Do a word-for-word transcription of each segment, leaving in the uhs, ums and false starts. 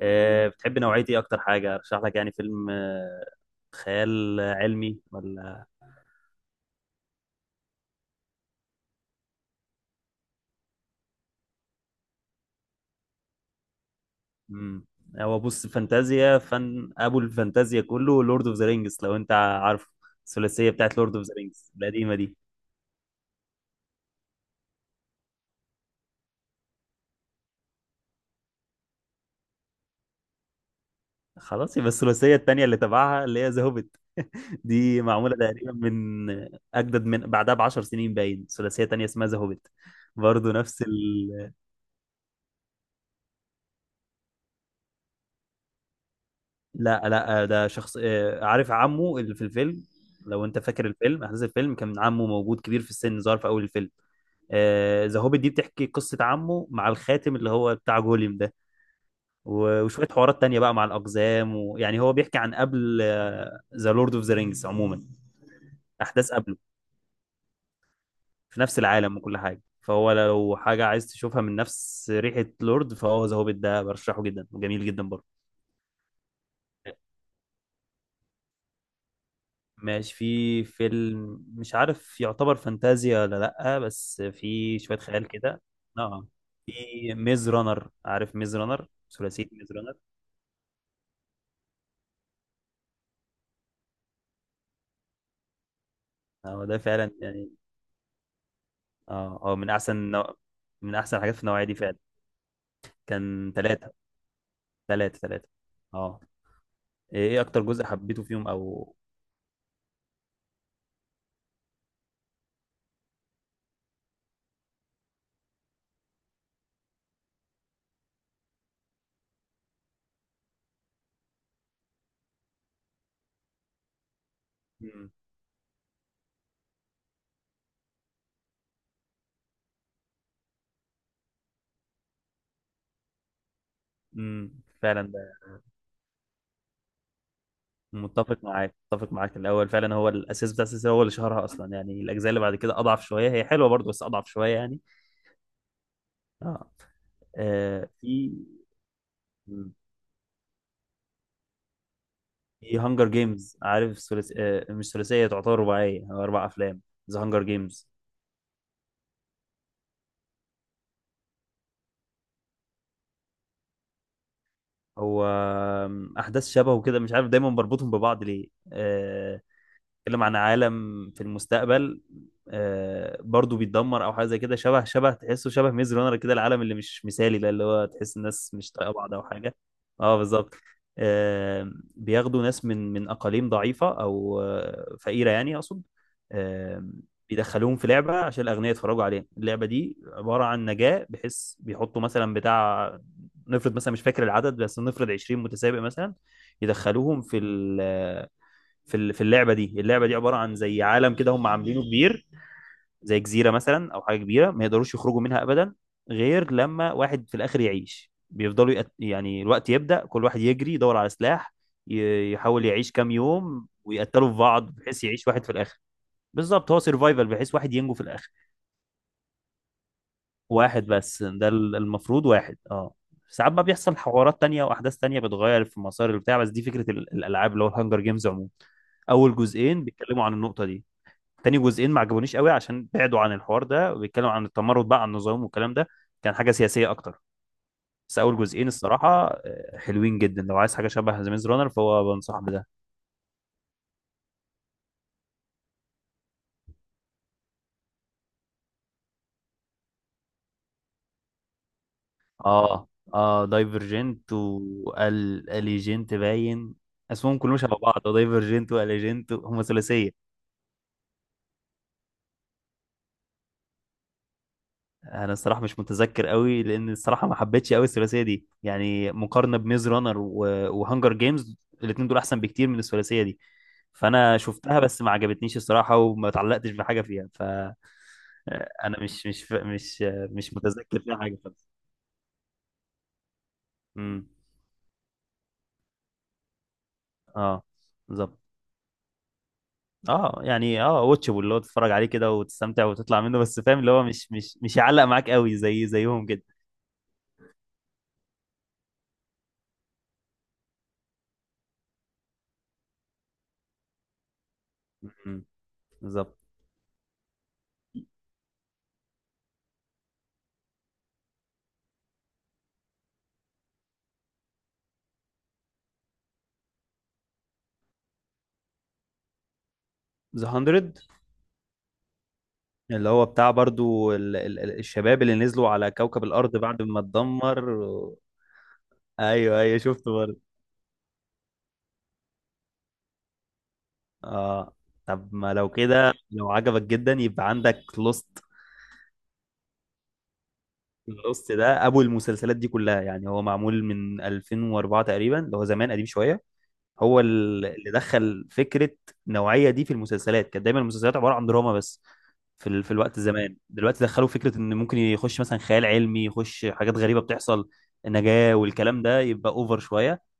آه، بتحب نوعية ايه اكتر حاجة ارشح لك؟ يعني فيلم، آه، خيال آه، علمي، ولا؟ مم. هو بص، فانتازيا، فن ابو الفانتازيا كله لورد اوف ذا رينجز، لو انت عارف الثلاثية بتاعت لورد اوف ذا رينجز القديمة دي. خلاص، يبقى الثلاثية التانية اللي تبعها اللي هي ذا هوبيت دي معمولة تقريبا من اجدد، من بعدها ب 10 سنين باين. ثلاثية تانية اسمها ذا هوبيت، برضه نفس ال... لا لا، آه، ده شخص، آه، عارف عمه اللي في الفيلم، لو انت فاكر الفيلم. احداث الفيلم كان عمه موجود كبير في السن، ظهر في اول الفيلم. ذا هوبيت دي بتحكي قصة عمه مع الخاتم اللي هو بتاع جوليم ده، و- وشوية حوارات تانية بقى مع الأقزام، ويعني هو بيحكي عن قبل ذا لورد اوف ذا رينجز عموما، أحداث قبله في نفس العالم وكل حاجة. فهو لو حاجة عايز تشوفها من نفس ريحة لورد، فهو ذا هوبيت ده برشحه جدا وجميل جدا برضه. ماشي، في فيلم مش عارف يعتبر فانتازيا ولا لأ، بس في شوية خيال كده. اه، في ميز رانر، عارف ميز رانر؟ ثلاثية ميز رانر. اه، ده فعلا يعني، اه، هو من أحسن نوع... من أحسن الحاجات في النوعية دي فعلا. كان ثلاثة، ثلاثة ثلاثة. اه. ايه إيه أكتر جزء حبيته فيهم، أو؟ مم. مم. فعلا ده. متفق معاك، متفق معاك، الأول فعلا هو الأساس بتاع السلسلة، هو اللي شهرها أصلا يعني. الأجزاء اللي بعد كده أضعف شوية، هي حلوة برضه بس أضعف شوية يعني. اه. آه في في هانجر جيمز، عارف ثلاث آه مش ثلاثيه، تعتبر رباعيه، هو اربع افلام. ذا هانجر جيمز. هو آم، احداث شبهه كده، مش عارف دايما بربطهم ببعض ليه، آه بيتكلم عن عالم في المستقبل، آه، برضو بيتدمر او حاجه زي كده، شبه، شبه تحسه شبه ميز رانر كده، العالم اللي مش مثالي ده، اللي هو تحس الناس مش طايقه بعض او حاجه. اه بالظبط. آه، بياخدوا ناس من من اقاليم ضعيفه او آه، فقيره، يعني اقصد، آه، بيدخلوهم في لعبه عشان الاغنياء يتفرجوا عليها. اللعبه دي عباره عن نجاه، بحيث بيحطوا مثلا بتاع، نفرض مثلا، مش فاكر العدد، بس نفرض 20 متسابق مثلا، يدخلوهم في ال في ال- في اللعبه دي. اللعبه دي عباره عن زي عالم كده، هم عاملينه كبير، زي جزيره مثلا او حاجه كبيره ما يقدروش يخرجوا منها ابدا، غير لما واحد في الاخر يعيش. بيفضلوا يقت... يعني الوقت يبدا، كل واحد يجري يدور على سلاح، ي- يحاول يعيش كام يوم، ويقتلوا في بعض بحيث يعيش واحد في الاخر. بالظبط، هو سيرفايفل، بحيث واحد ينجو في الاخر. واحد بس، ده ال- المفروض واحد، اه. ساعات بقى بيحصل حوارات تانية واحداث تانية بتغير في مسار البتاع، بس دي فكره ال- الالعاب اللي هو الهانجر جيمز عموما. اول جزئين بيتكلموا عن النقطه دي. تاني جزئين ما عجبونيش قوي، عشان بعدوا عن الحوار ده، وبيتكلموا عن التمرد بقى، عن النظام والكلام ده، كان حاجه سياسيه اكتر. بس اول جزئين الصراحه آه، حلوين جدا، لو عايز حاجه شبه ذا ميز رانر فهو بنصح بده. اه اه، دايفرجنت، واليجنت باين. اسمهم كلهم شبه بعض، دايفرجنت، واليجنت، هم ثلاثيه. انا الصراحه مش متذكر قوي، لان الصراحه ما حبيتش قوي الثلاثيه دي يعني، مقارنه بميز رانر وهانجر جيمز، الاثنين دول احسن بكتير من الثلاثيه دي. فانا شفتها بس ما عجبتنيش الصراحه، وما اتعلقتش بحاجه فيها، فانا مش مش مش مش متذكر فيها حاجه خالص. امم. اه بالظبط. اه، يعني اه واتشبل اللي هو تتفرج عليه كده وتستمتع وتطلع منه، بس فاهم اللي هو مش مش مش يعلق معاك قوي زي زيهم كده. امم. بالظبط. ذا مية، اللي هو بتاع برضو ال- ال- ال- الشباب اللي نزلوا على كوكب الأرض بعد ما اتدمر و... أيوه أيوه، شفته برضو. آه. طب ما لو كده، لو عجبك جدا يبقى عندك لوست. لوست ده أبو المسلسلات دي كلها يعني، هو معمول من الفين واربعة تقريبا، اللي هو زمان قديم شوية. هو ال- اللي دخل فكرة النوعية دي في المسلسلات. كانت دايما المسلسلات عبارة عن دراما بس، في ال... في الوقت زمان، دلوقتي دخلوا فكرة إن ممكن يخش مثلا خيال علمي، يخش حاجات غريبة بتحصل، النجاة والكلام ده يبقى أوفر شوية.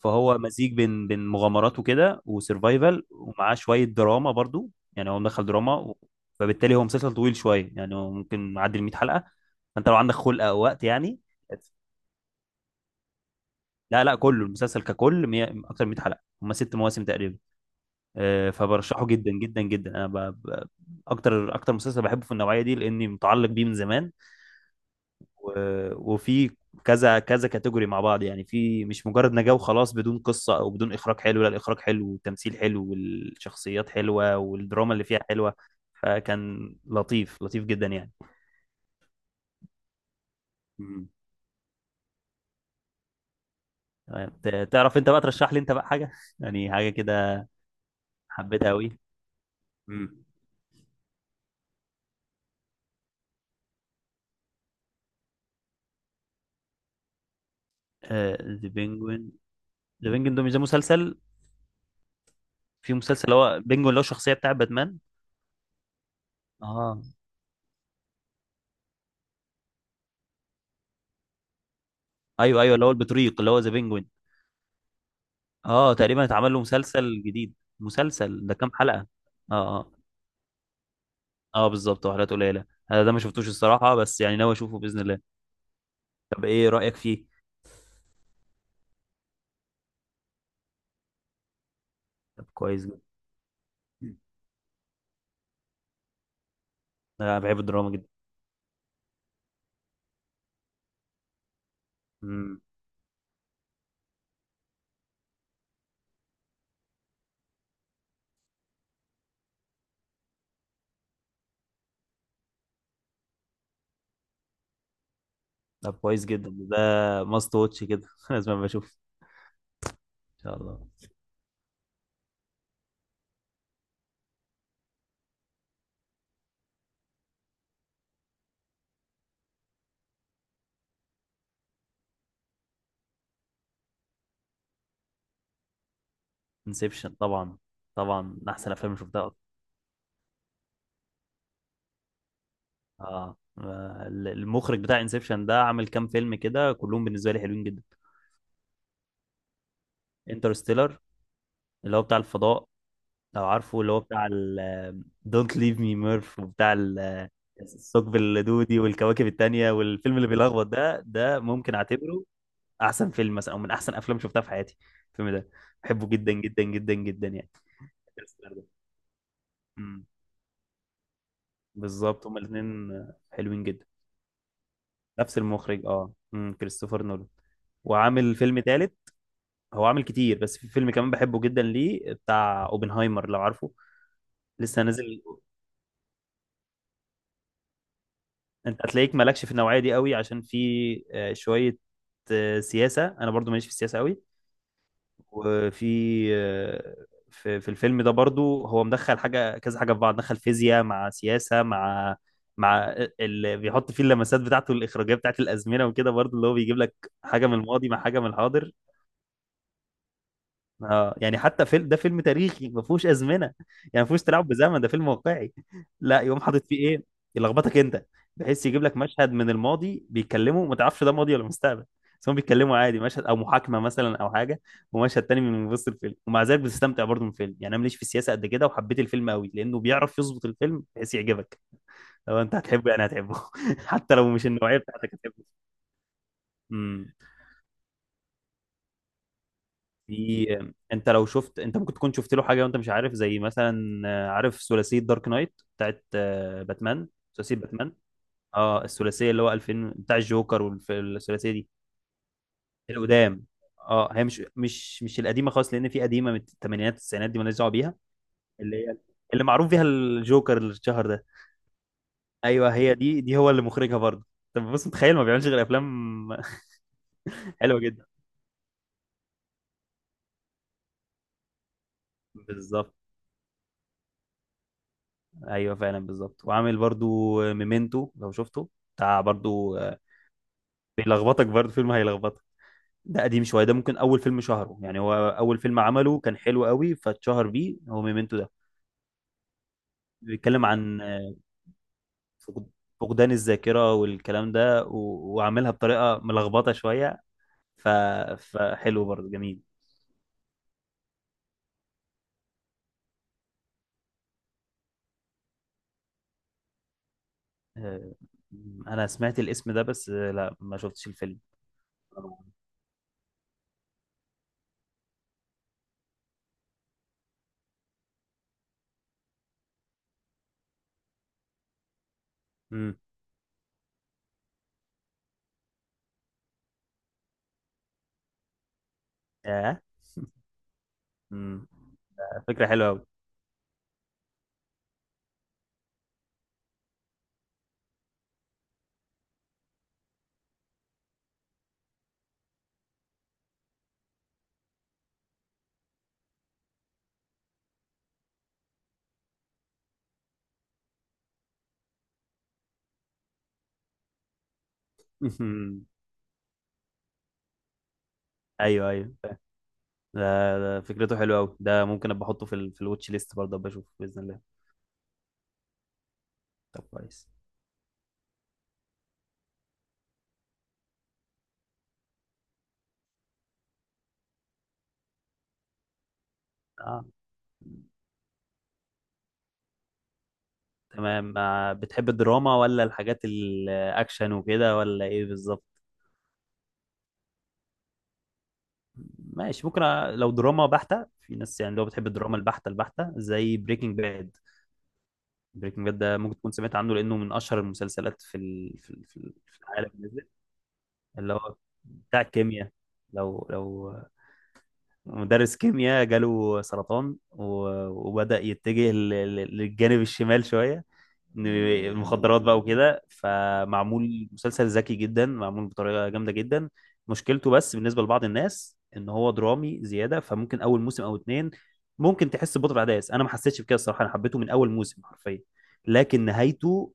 فهو مزيج بين بين مغامرات وكده وسرفايفل، ومعاه شويه دراما برضو، يعني هو مدخل دراما و... فبالتالي هو مسلسل طويل شويه، يعني هو ممكن معدي ال 100 حلقه، فانت لو عندك خلق او وقت يعني. لا لا، كله، المسلسل ككل مية... اكتر من 100 حلقه، هم ست مواسم تقريبا. آه، فبرشحه جدا جدا جدا، انا ب... ب... اكتر، اكتر مسلسل بحبه في النوعيه دي لاني متعلق بيه من زمان. و- وفي كذا كذا كاتيجوري مع بعض يعني، في مش مجرد نجاة وخلاص بدون قصة او بدون اخراج حلو، لا، الاخراج حلو والتمثيل حلو والشخصيات حلوة والدراما اللي فيها حلوة، فكان لطيف لطيف جدا يعني. مم. تمام. ت- تعرف انت بقى ترشح لي انت بقى حاجة يعني حاجة كده حبيتها قوي. ذا بينجوين ذا بينجوين ده، مش ده، مسلسل. في مسلسل اللي هو بينجوين، اللي هو الشخصية بتاع باتمان. اه، ايوه ايوه، اللي هو البطريق اللي هو ذا بينجوين. اه، تقريبا اتعمل له مسلسل جديد. مسلسل ده كام حلقة؟ اه اه. اه بالظبط، وحلقات قليلة. انا ده ما شفتوش الصراحة، بس يعني ناوي اشوفه بإذن الله. طب ايه رأيك فيه؟ طب كويس جدا، انا بحب الدراما جدا. امم. طب كويس جدا ده، ماست واتش كده لازم أبقى اشوف ان شاء الله. انسبشن طبعا، طبعا من احسن افلام شفتها أصلاً. اه، ال- المخرج بتاع انسبشن ده عامل كام فيلم كده، كلهم بالنسبة لي حلوين جدا. انترستيلر، اللي هو بتاع الفضاء، لو عارفه، اللي هو بتاع ال Don't Leave Me Murph، وبتاع ال الثقب اللدودي والكواكب التانية والفيلم اللي بيلخبط ده، ده ممكن اعتبره احسن فيلم مثلا، او من احسن افلام شفتها في حياتي، الفيلم ده. بحبه جدا جدا جدا جدا يعني. كريستوفر ده. امم. بالظبط، هما الاثنين حلوين جدا. نفس المخرج، اه، امم كريستوفر نولان. وعامل فيلم تالت. هو عامل كتير، بس في فيلم كمان بحبه جدا ليه، بتاع اوبنهايمر لو عارفه. لسه نازل. انت هتلاقيك مالكش في النوعيه دي قوي عشان في آه، شويه آه، سياسه، انا برضو ماليش في السياسه قوي. وفي آه، في في الفيلم ده برضو، هو مدخل حاجه كذا حاجه في بعض، دخل فيزياء مع سياسه، مع مع اللي بيحط فيه اللمسات بتاعته الاخراجيه بتاعت الازمنه وكده برضو، اللي هو بيجيب لك حاجه من الماضي مع حاجه من الحاضر. اه يعني، حتى فيلم ده فيلم تاريخي ما فيهوش ازمنه، يعني ما فيهوش تلاعب بزمن، ده فيلم واقعي، لا يقوم حاطط فيه ايه يلخبطك انت، بحيث يجيب لك مشهد من الماضي بيتكلموا ما تعرفش ده ماضي ولا مستقبل، بس هم بيتكلموا عادي، مشهد او محاكمه مثلا او حاجه، ومشهد تاني من وسط الفيلم، ومع ذلك بتستمتع برضه من الفيلم، يعني انا ماليش في السياسه قد كده، وحبيت الفيلم قوي لانه بيعرف يظبط الفيلم بحيث يعجبك. لو انت هتحبه يعني هتحبه حتى لو مش النوعيه بتاعتك، هتحبه. في، انت لو شفت، انت ممكن تكون شفت له حاجه وانت مش عارف، زي مثلا آه، عارف ثلاثيه دارك نايت بتاعت آه، باتمان؟ ثلاثيه باتمان. اه، الثلاثيه اللي هو الألفين بتاع الجوكر والثلاثيه دي، القدام. اه، هي مش مش مش القديمه خالص، لان في قديمه من الثمانينات، التسعينات، دي مالناش دعوه بيها. اللي هي اللي معروف بيها الجوكر اللي اتشهر ده. ايوه، هي دي، دي هو اللي مخرجها برضه. طب بص، متخيل ما بيعملش غير افلام حلوه جدا. بالظبط. ايوه فعلا، بالظبط، وعامل برضو ميمنتو لو شفته، بتاع برضو، بيلخبطك برضه، فيلم هيلخبطك. ده قديم شويه، ده ممكن اول فيلم شهره يعني، هو اول فيلم عمله كان حلو قوي فاتشهر بيه، هو ميمنتو ده. بيتكلم عن آه، فقد- فقدان الذاكره والكلام ده، و- وعاملها بطريقه ملخبطه شويه، ف... فحلو برضه، جميل. آه، انا سمعت الاسم ده، بس آه، لا، ما شفتش الفيلم. امم. اه. امم. فكره حلوه قوي. ايوه ايوه، ده، ده فكرته حلوه قوي، ده ممكن ابقى احطه في ال... في الواتش ليست برضه، ابقى اشوفه باذن الله. طب كويس. اه. تمام، آه، بتحب الدراما ولا الحاجات الاكشن وكده ولا ايه بالظبط؟ ماشي، ممكن أ- لو دراما بحتة، في ناس يعني لو بتحب الدراما البحتة البحتة زي بريكنج باد. بريكنج باد ده ممكن تكون سمعت عنه لأنه من أشهر المسلسلات في ال- في ال- في ال- في العالم نزل. اللي هو بتاع الكيمياء، لو لو مدرس كيمياء جاله سرطان، و- وبدأ يتجه لل- لل- للجانب الشمال شوية، إن المخدرات بقى وكده، فمعمول مسلسل ذكي جدا، معمول بطريقة جامدة جدا. مشكلته بس بالنسبة لبعض الناس ان هو درامي زيادة، فممكن اول موسم او اتنين ممكن تحس ببطء في الاحداث، انا ما حسيتش بكده الصراحة، انا حبيته من اول موسم حرفيا، لكن نهايته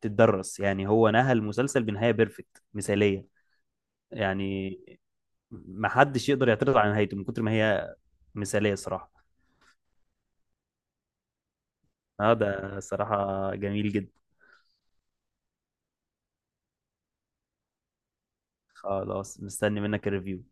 تتدرس يعني، هو نهى المسلسل بنهاية بيرفكت مثالية يعني، ما حدش يقدر يعترض على نهايته من كتر ما هي مثالية صراحة. اه، ده صراحة جميل جدا. خلاص، مستني منك الريفيو.